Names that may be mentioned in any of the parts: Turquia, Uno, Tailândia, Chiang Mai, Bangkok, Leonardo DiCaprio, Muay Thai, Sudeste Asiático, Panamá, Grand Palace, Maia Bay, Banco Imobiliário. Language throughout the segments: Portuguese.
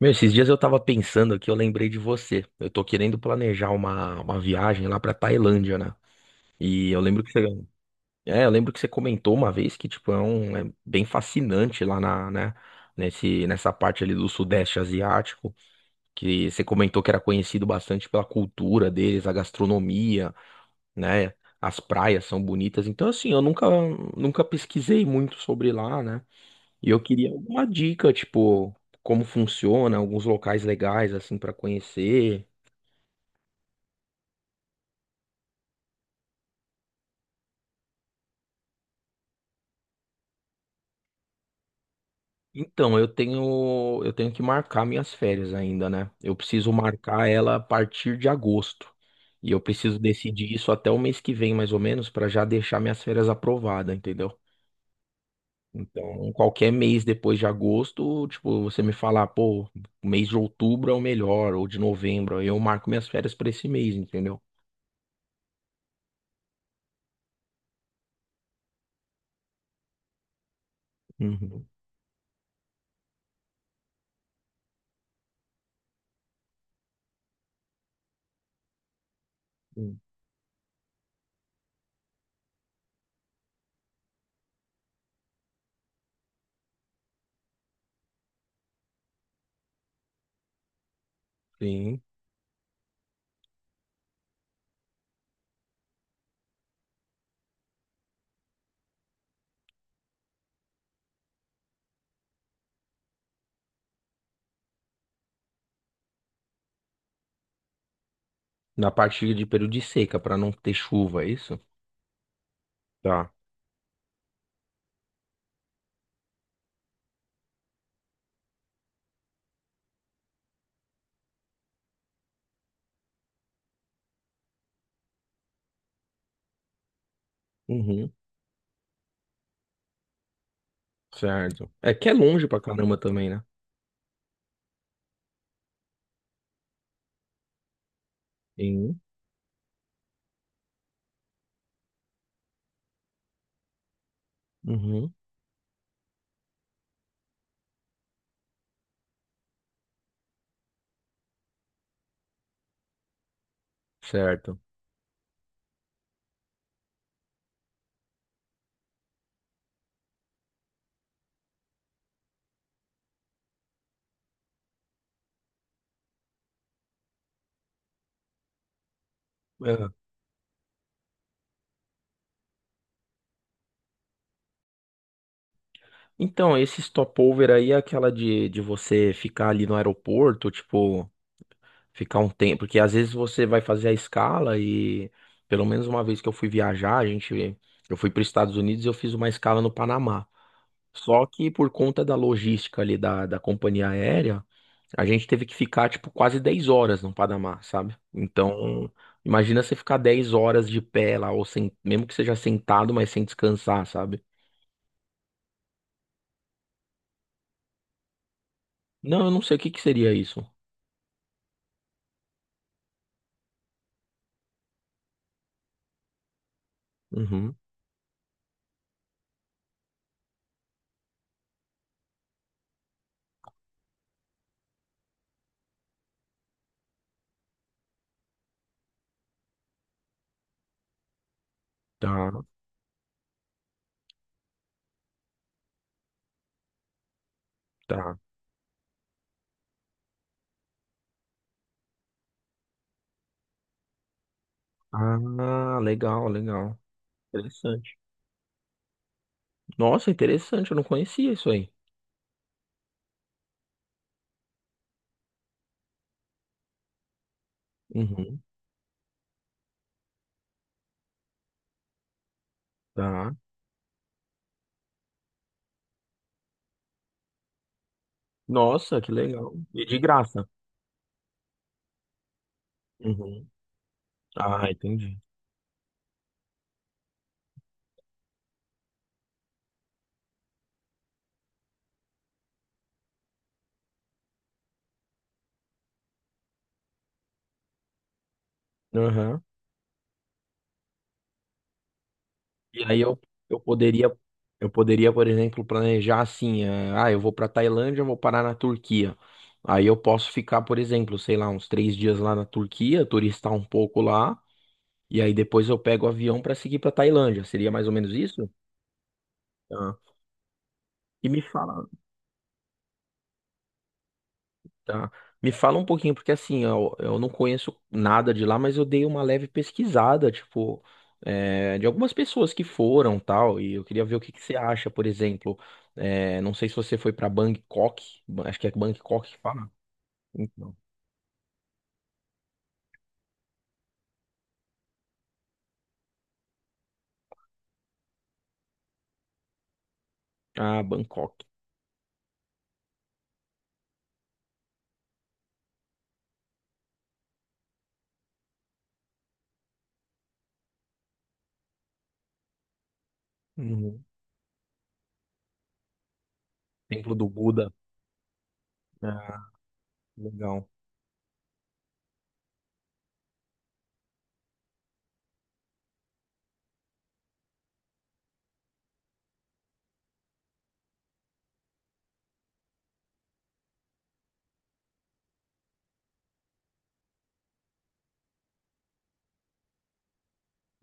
Meu, esses dias eu tava pensando aqui, eu lembrei de você. Eu tô querendo planejar uma viagem lá pra Tailândia, né? E eu lembro que você, eu lembro que você comentou uma vez que, tipo, é bem fascinante lá na, né, nessa parte ali do Sudeste Asiático, que você comentou que era conhecido bastante pela cultura deles, a gastronomia, né? As praias são bonitas. Então, assim, eu nunca, nunca pesquisei muito sobre lá, né? E eu queria alguma dica, tipo, como funciona, alguns locais legais assim pra conhecer. Então, eu tenho que marcar minhas férias ainda, né? Eu preciso marcar ela a partir de agosto. E eu preciso decidir isso até o mês que vem, mais ou menos, pra já deixar minhas férias aprovadas, entendeu? Então, qualquer mês depois de agosto, tipo, você me falar, pô, o mês de outubro é o melhor, ou de novembro, aí eu marco minhas férias pra esse mês, entendeu? Uhum. Sim. Na parte de período de seca, pra não ter chuva, é isso? Tá. Uhum. Certo. É que é longe pra caramba também, né? Sim. Uhum. Certo. É. Então, esse stopover aí é aquela de você ficar ali no aeroporto, tipo, ficar um tempo, porque às vezes você vai fazer a escala e pelo menos uma vez que eu fui viajar, a gente, eu fui para os Estados Unidos e eu fiz uma escala no Panamá. Só que por conta da logística ali da companhia aérea, a gente teve que ficar, tipo, quase 10 horas no Panamá, sabe? Então, imagina você ficar 10 horas de pé lá, ou sem, mesmo que seja sentado, mas sem descansar, sabe? Não, eu não sei o que que seria isso. Uhum. Tá, tá. Ah, legal, legal. Interessante. Nossa, interessante, eu não conhecia isso aí. Uhum, tá. Nossa, que legal. E de graça. Uhum. Ah, entendi. Aham. E aí eu poderia, Eu poderia, por exemplo, planejar assim, eu vou para Tailândia, eu vou parar na Turquia. Aí eu posso ficar, por exemplo, sei lá, uns 3 dias lá na Turquia, turistar um pouco lá, e aí depois eu pego o avião para seguir para Tailândia. Seria mais ou menos isso? Tá. E me fala. Tá. Me fala um pouquinho, porque assim, eu não conheço nada de lá, mas eu dei uma leve pesquisada, tipo, é, de algumas pessoas que foram tal, e eu queria ver o que que você acha, por exemplo. É, não sei se você foi pra acho que é Bangkok que fala. Então. Ah, Bangkok. Uhum. Templo do Buda. Ah, legal.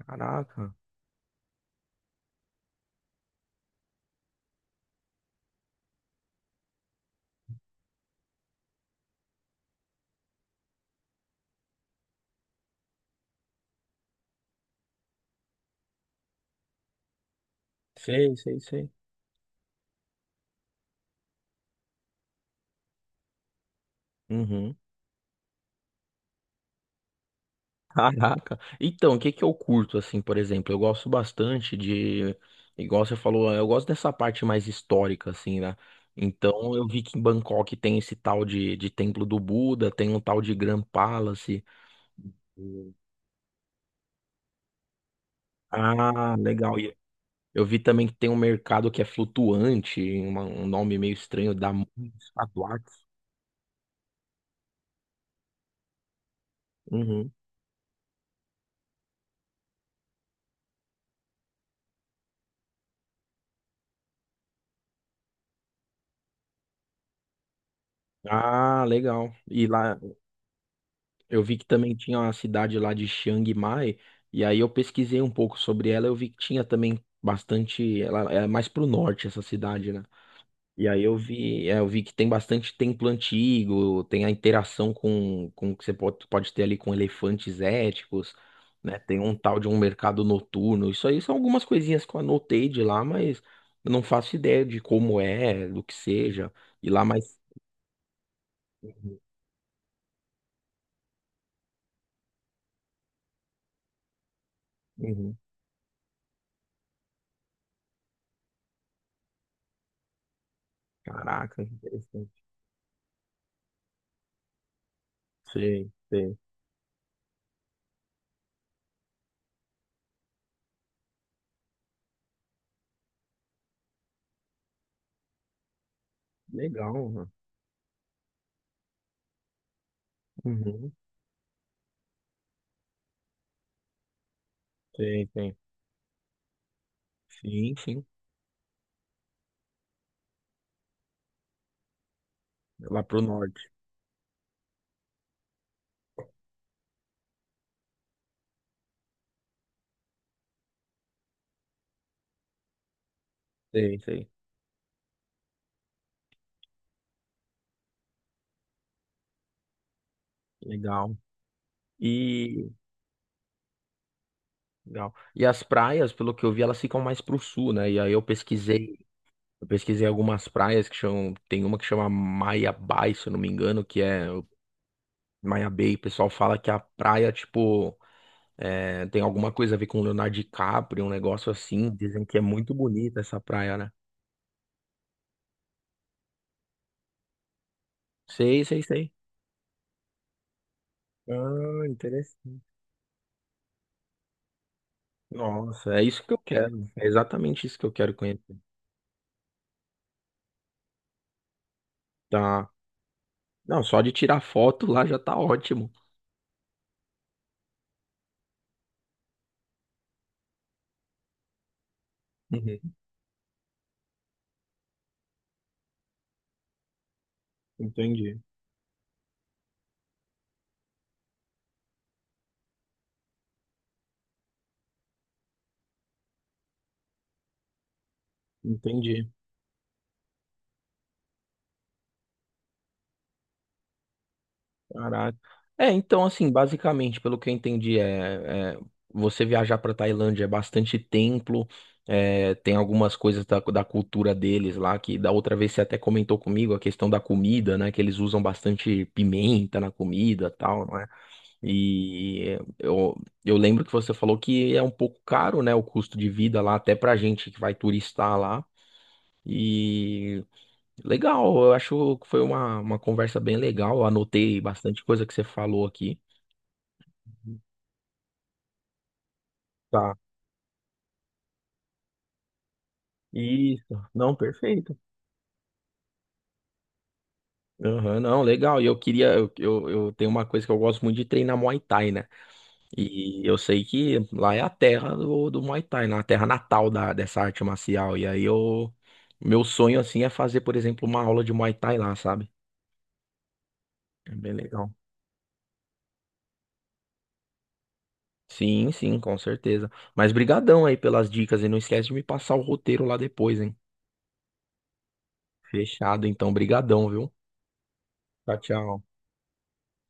Caraca. Sei, sei, sei. Caraca. Então, o que que eu curto, assim, por exemplo? Eu gosto bastante de. Igual você falou, eu gosto dessa parte mais histórica, assim, né? Então, eu vi que em Bangkok tem esse tal de Templo do Buda, tem um tal de Grand Palace. Hum. Ah, legal. E eu vi também que tem um mercado que é flutuante, um nome meio estranho, da Estaduarte. Uhum. Ah, legal. E lá. Eu vi que também tinha uma cidade lá de Chiang Mai, e aí eu pesquisei um pouco sobre ela, eu vi que tinha também bastante, ela é mais pro norte essa cidade, né? E aí eu vi, eu vi que tem bastante templo antigo, tem a interação com o que você pode, pode ter ali com elefantes éticos, né? Tem um tal de um mercado noturno. Isso aí são algumas coisinhas que eu anotei de lá, mas eu não faço ideia de como é, do que seja. E lá mais. Uhum, uhum. Caraca, que interessante. Sim, sim. Legal, mano. Uhum. Sei, sei. Sim, sim. É lá pro norte. Sei, sei. Legal. E legal. E as praias, pelo que eu vi, elas ficam mais pro sul, né? Eu pesquisei algumas praias que chamam, tem uma que chama Maia Bay, se eu não me engano, que é Maia Bay. O pessoal fala que a praia, tipo, é, tem alguma coisa a ver com o Leonardo DiCaprio, um negócio assim. Dizem que é muito bonita essa praia, né? Sei, sei, sei. Ah, nossa, é isso que eu quero. É exatamente isso que eu quero conhecer. Tá. Não, só de tirar foto lá já tá ótimo. Uhum. Entendi, entendi. Caraca. É, então, assim, basicamente, pelo que eu entendi, você viajar pra Tailândia é bastante templo, é, tem algumas coisas da cultura deles lá, que da outra vez você até comentou comigo a questão da comida, né? Que eles usam bastante pimenta na comida, tal, não é? E eu, eu lembro que você falou que é um pouco caro, né, o custo de vida lá, até pra gente que vai turistar lá. E legal, eu acho que foi uma conversa bem legal. Eu anotei bastante coisa que você falou aqui. Tá. Isso, não, perfeito. Aham, não, legal. Eu tenho uma coisa que eu gosto muito de treinar Muay Thai, né? E eu sei que lá é a terra do Muay Thai, né? A terra natal da, dessa arte marcial. E aí eu. Meu sonho, assim, é fazer, por exemplo, uma aula de Muay Thai lá, sabe? É bem legal. Sim, sim, com certeza. Mas brigadão aí pelas dicas e não esquece de me passar o roteiro lá depois, hein? Fechado, então, brigadão, viu? Tchau, tchau.